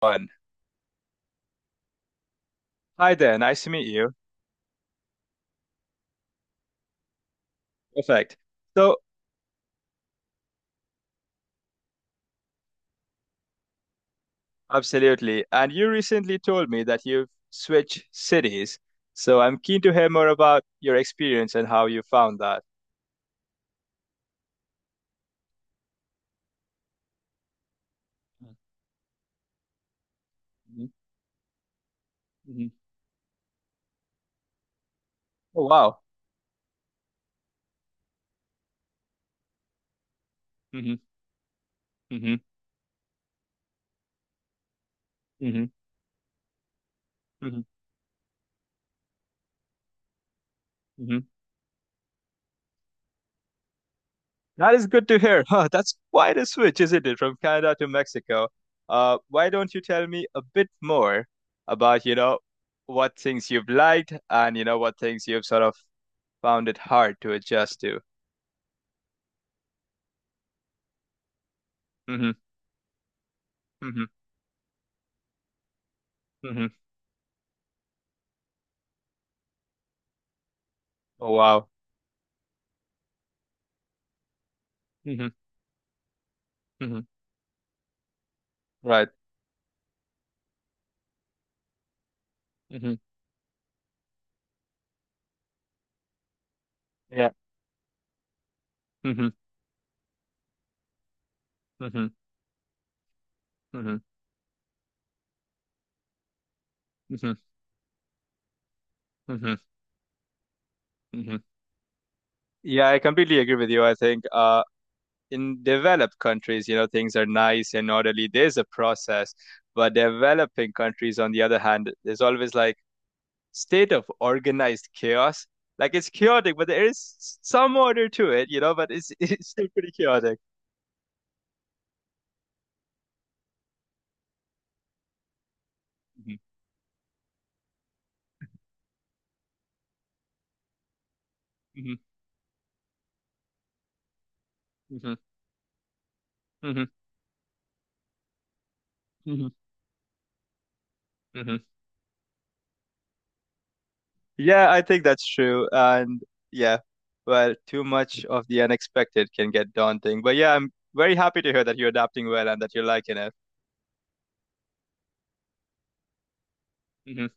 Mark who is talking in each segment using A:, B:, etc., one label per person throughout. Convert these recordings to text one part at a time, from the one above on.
A: One. Hi there, nice to meet you. Perfect. So, absolutely. And you recently told me that you've switched cities. So, I'm keen to hear more about your experience and how you found that. Mhm, mhm. Oh, wow. Hmm. Hmm. Hmm. Hmm. Hmm. That is good to hear. Huh, that's quite a switch, isn't it, from Canada to Mexico? Why don't you tell me a bit more about, you know, what things you've liked and, you know, what things you've sort of found it hard to adjust to? Mm-hmm. Hmm. Hmm. Oh, wow. Hmm. Hmm. Right. Hmm. Yeah. Hmm. Hmm. Hmm. Hmm. Hmm. Hmm. Yeah, I completely agree with you. I think in developed countries, you know, things are nice and orderly. There's a process, but developing countries, on the other hand, there's always like state of organized chaos. Like it's chaotic, but there is some order to it, you know, but it's it's still pretty chaotic. Hmm. Hmm. Hmm. Hmm. Hmm. Yeah, I think that's true. And yeah, well, too much of the unexpected can get daunting. But yeah, I'm very happy to hear that you're adapting well and that you're liking it. Hmm.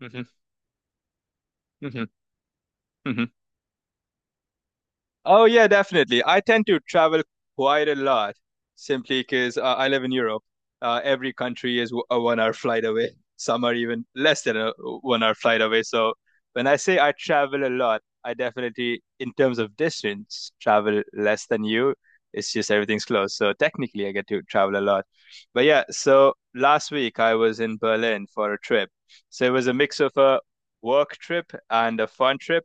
A: Hmm. Hmm. Hmm. Oh yeah, definitely. I tend to travel quite a lot simply because I live in Europe. Every country is a one-hour flight away. Some are even less than a one-hour flight away. So when I say I travel a lot, I definitely, in terms of distance, travel less than you. It's just everything's close. So technically, I get to travel a lot. But yeah, so last week I was in Berlin for a trip. So it was a mix of a work trip and a fun trip.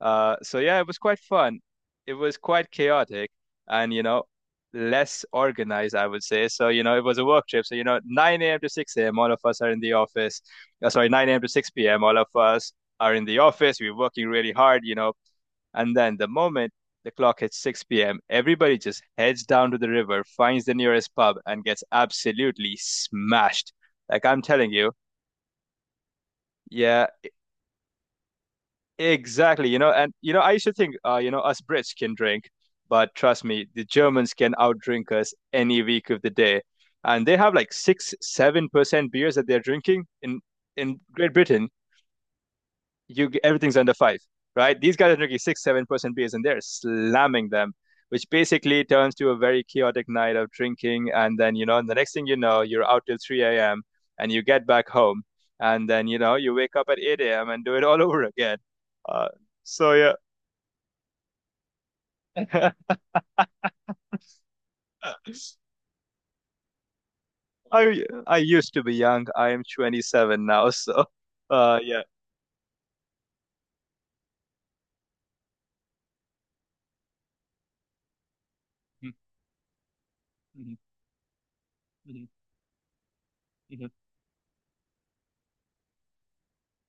A: So yeah, it was quite fun. It was quite chaotic and, you know, less organized, I would say. So, you know, it was a work trip. So, you know, 9 a.m. to 6 a.m., all of us are in the office. Sorry, 9 a.m. to 6 p.m., all of us are in the office. We're working really hard, you know. And then the moment the clock hits 6 p.m., everybody just heads down to the river, finds the nearest pub, and gets absolutely smashed. Like I'm telling you. Yeah, exactly, you know, and you know, I used to think, you know, us Brits can drink, but trust me, the Germans can outdrink us any week of the day, and they have like 6-7% beers that they're drinking in Great Britain. You Everything's under five, right? These guys are drinking 6-7% beers, and they're slamming them, which basically turns to a very chaotic night of drinking. And then you know, the next thing you know, you're out till 3 a.m. and you get back home, and then you know, you wake up at 8 a.m. and do it all over again. Uh, so yeah, I used to be young. I am 27 now, so yeah.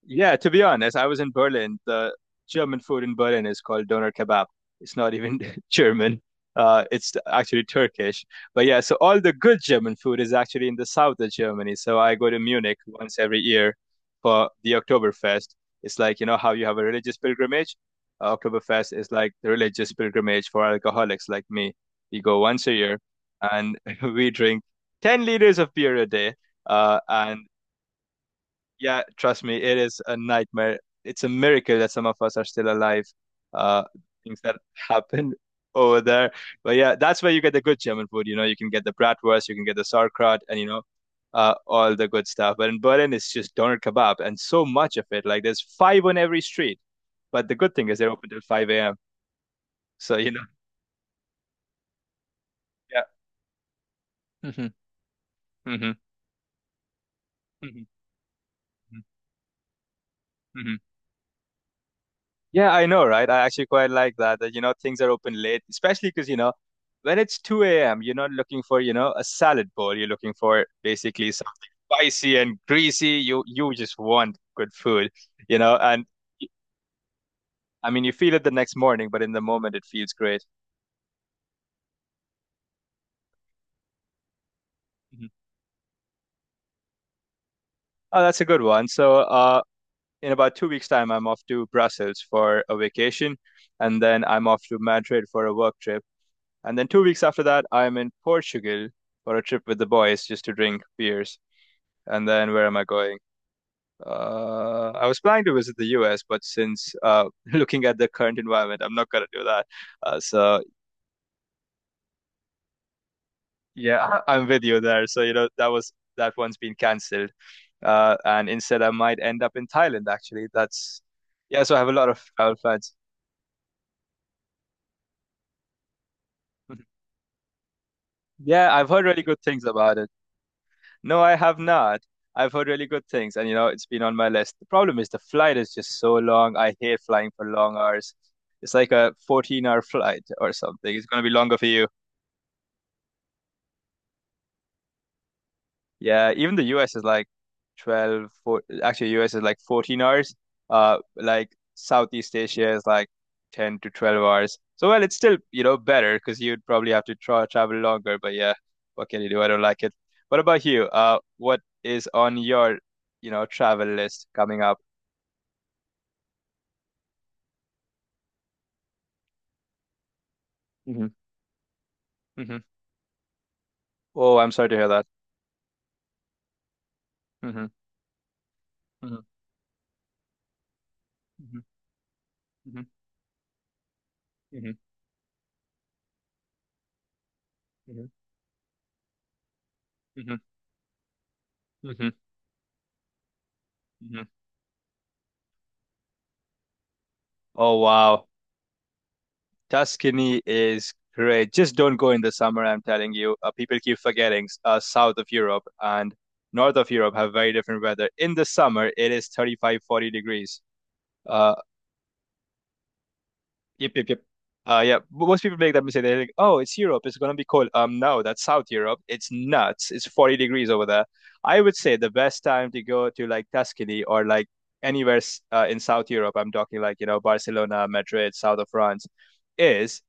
A: Yeah, to be honest, I was in Berlin. The German food in Berlin is called doner kebab. It's not even German. It's actually Turkish. But yeah, so all the good German food is actually in the south of Germany. So I go to Munich once every year for the Oktoberfest. It's like, you know, how you have a religious pilgrimage. Oktoberfest is like the religious pilgrimage for alcoholics like me. We go once a year and we drink 10 liters of beer a day. And yeah, trust me, it is a nightmare. It's a miracle that some of us are still alive. Uh, Things that happen over there. But yeah, that's where you get the good German food. You know, you can get the bratwurst, you can get the sauerkraut, and you know, all the good stuff. But in Berlin, it's just doner kebab and so much of it. Like there's five on every street. But the good thing is they're open till 5 a.m. So, you know, yeah. Hmm. Hmm. Hmm. Hmm. Yeah, I know, right? I actually quite like that, that, you know, things are open late, especially because, you know, when it's 2 a.m., you're not looking for, you know, a salad bowl. You're looking for basically something spicy and greasy. You just want good food, you know, and I mean, you feel it the next morning, but in the moment it feels great. Mhm. Oh, that's a good one. So, in about 2 weeks' time, I'm off to Brussels for a vacation, and then I'm off to Madrid for a work trip. And then 2 weeks after that, I'm in Portugal for a trip with the boys just to drink beers. And then where am I going? I was planning to visit the US, but since looking at the current environment, I'm not gonna do that. So yeah, I'm with you there. So you know that one's been cancelled, and instead I might end up in Thailand actually. That's Yeah. So I have a lot of travel plans. Yeah, I've heard really good things about it. No, I have not. I've heard really good things, and you know, it's been on my list. The problem is the flight is just so long. I hate flying for long hours. It's like a 14-hour flight or something. It's going to be longer for you. Yeah, even the US is like 12, 4, actually US is like 14 hours. Like Southeast Asia is like 10 to 12 hours. So well, it's still, you know, better because you'd probably have to travel longer, but yeah, what can you do? I don't like it. What about you? What is on your, you know, travel list coming up? Hmm. Hmm. Oh, I'm sorry to hear that. Hmm. Hmm. Hmm. Hmm. Hmm. Hmm. Hmm. Hmm. Hmm. Oh, wow. Tuscany is great. Just don't go in the summer, I'm telling you. People keep forgetting south of Europe and north of Europe have very different weather. In the summer, it is 35, 40 degrees. Uh, Yep, yep, yep. Yeah, but most people make that mistake. They're like, "Oh, it's Europe. It's gonna be cold." No, that's South Europe. It's nuts. It's 40 degrees over there. I would say the best time to go to like Tuscany or like anywhere in South Europe. I'm talking like, you know, Barcelona, Madrid, south of France, is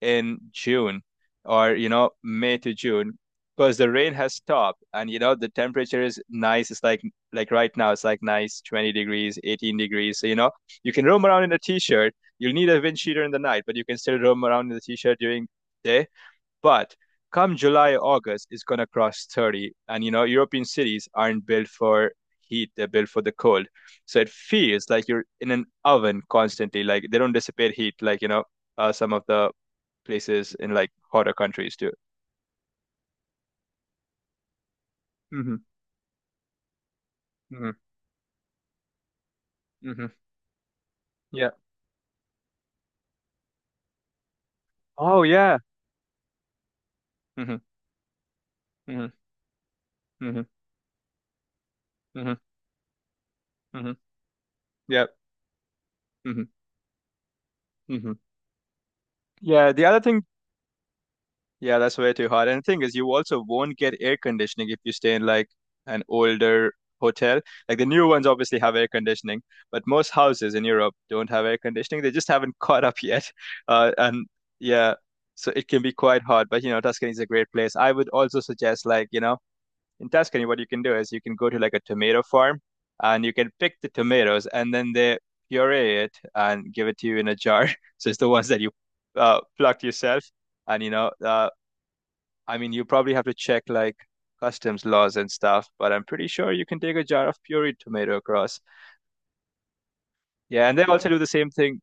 A: in June or you know May to June because the rain has stopped and you know the temperature is nice. It's like right now it's like nice 20 degrees, 18 degrees. So you know you can roam around in a t-shirt. You'll need a wind sheeter in the night, but you can still roam around in the t-shirt during day but come July, August, it's gonna cross 30. And you know, European cities aren't built for heat, they're built for the cold. So it feels like you're in an oven constantly. Like they don't dissipate heat like, you know, some of the places in like hotter countries do. Hmm. Hmm. Hmm. Yeah. Oh yeah. Hmm. Hmm. Hmm. Hmm. Hmm. Yep. Hmm. Hmm. Yeah. The other thing Yeah, that's way too hot. And the thing is, you also won't get air conditioning if you stay in like an older hotel. Like the new ones obviously have air conditioning, but most houses in Europe don't have air conditioning. They just haven't caught up yet. And yeah, so it can be quite hot. But you know, Tuscany is a great place. I would also suggest, like, you know, in Tuscany, what you can do is you can go to like a tomato farm and you can pick the tomatoes and then they puree it and give it to you in a jar. So it's the ones that you plucked yourself and you know I mean, you probably have to check like customs laws and stuff, but I'm pretty sure you can take a jar of pureed tomato across. Yeah, and they also, yeah, do the same thing.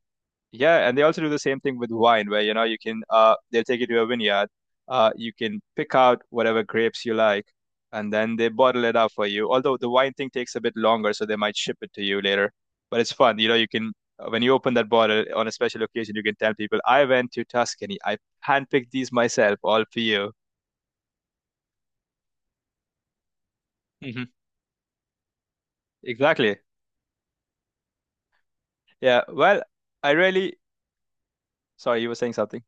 A: Yeah, and they also do the same thing with wine, where you know you can they'll take you to a vineyard, you can pick out whatever grapes you like, and then they bottle it up for you. Although the wine thing takes a bit longer, so they might ship it to you later. But it's fun, you know. You can when you open that bottle on a special occasion, you can tell people, "I went to Tuscany. I handpicked these myself, all for you." Hmm. Exactly. Yeah, well, I really, sorry, you were saying something.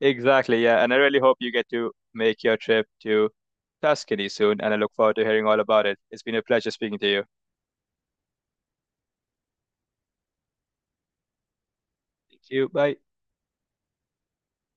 A: Exactly, yeah, and I really hope you get to make your trip to Tuscany soon, and I look forward to hearing all about it. It's been a pleasure speaking to you. Thank you. Bye.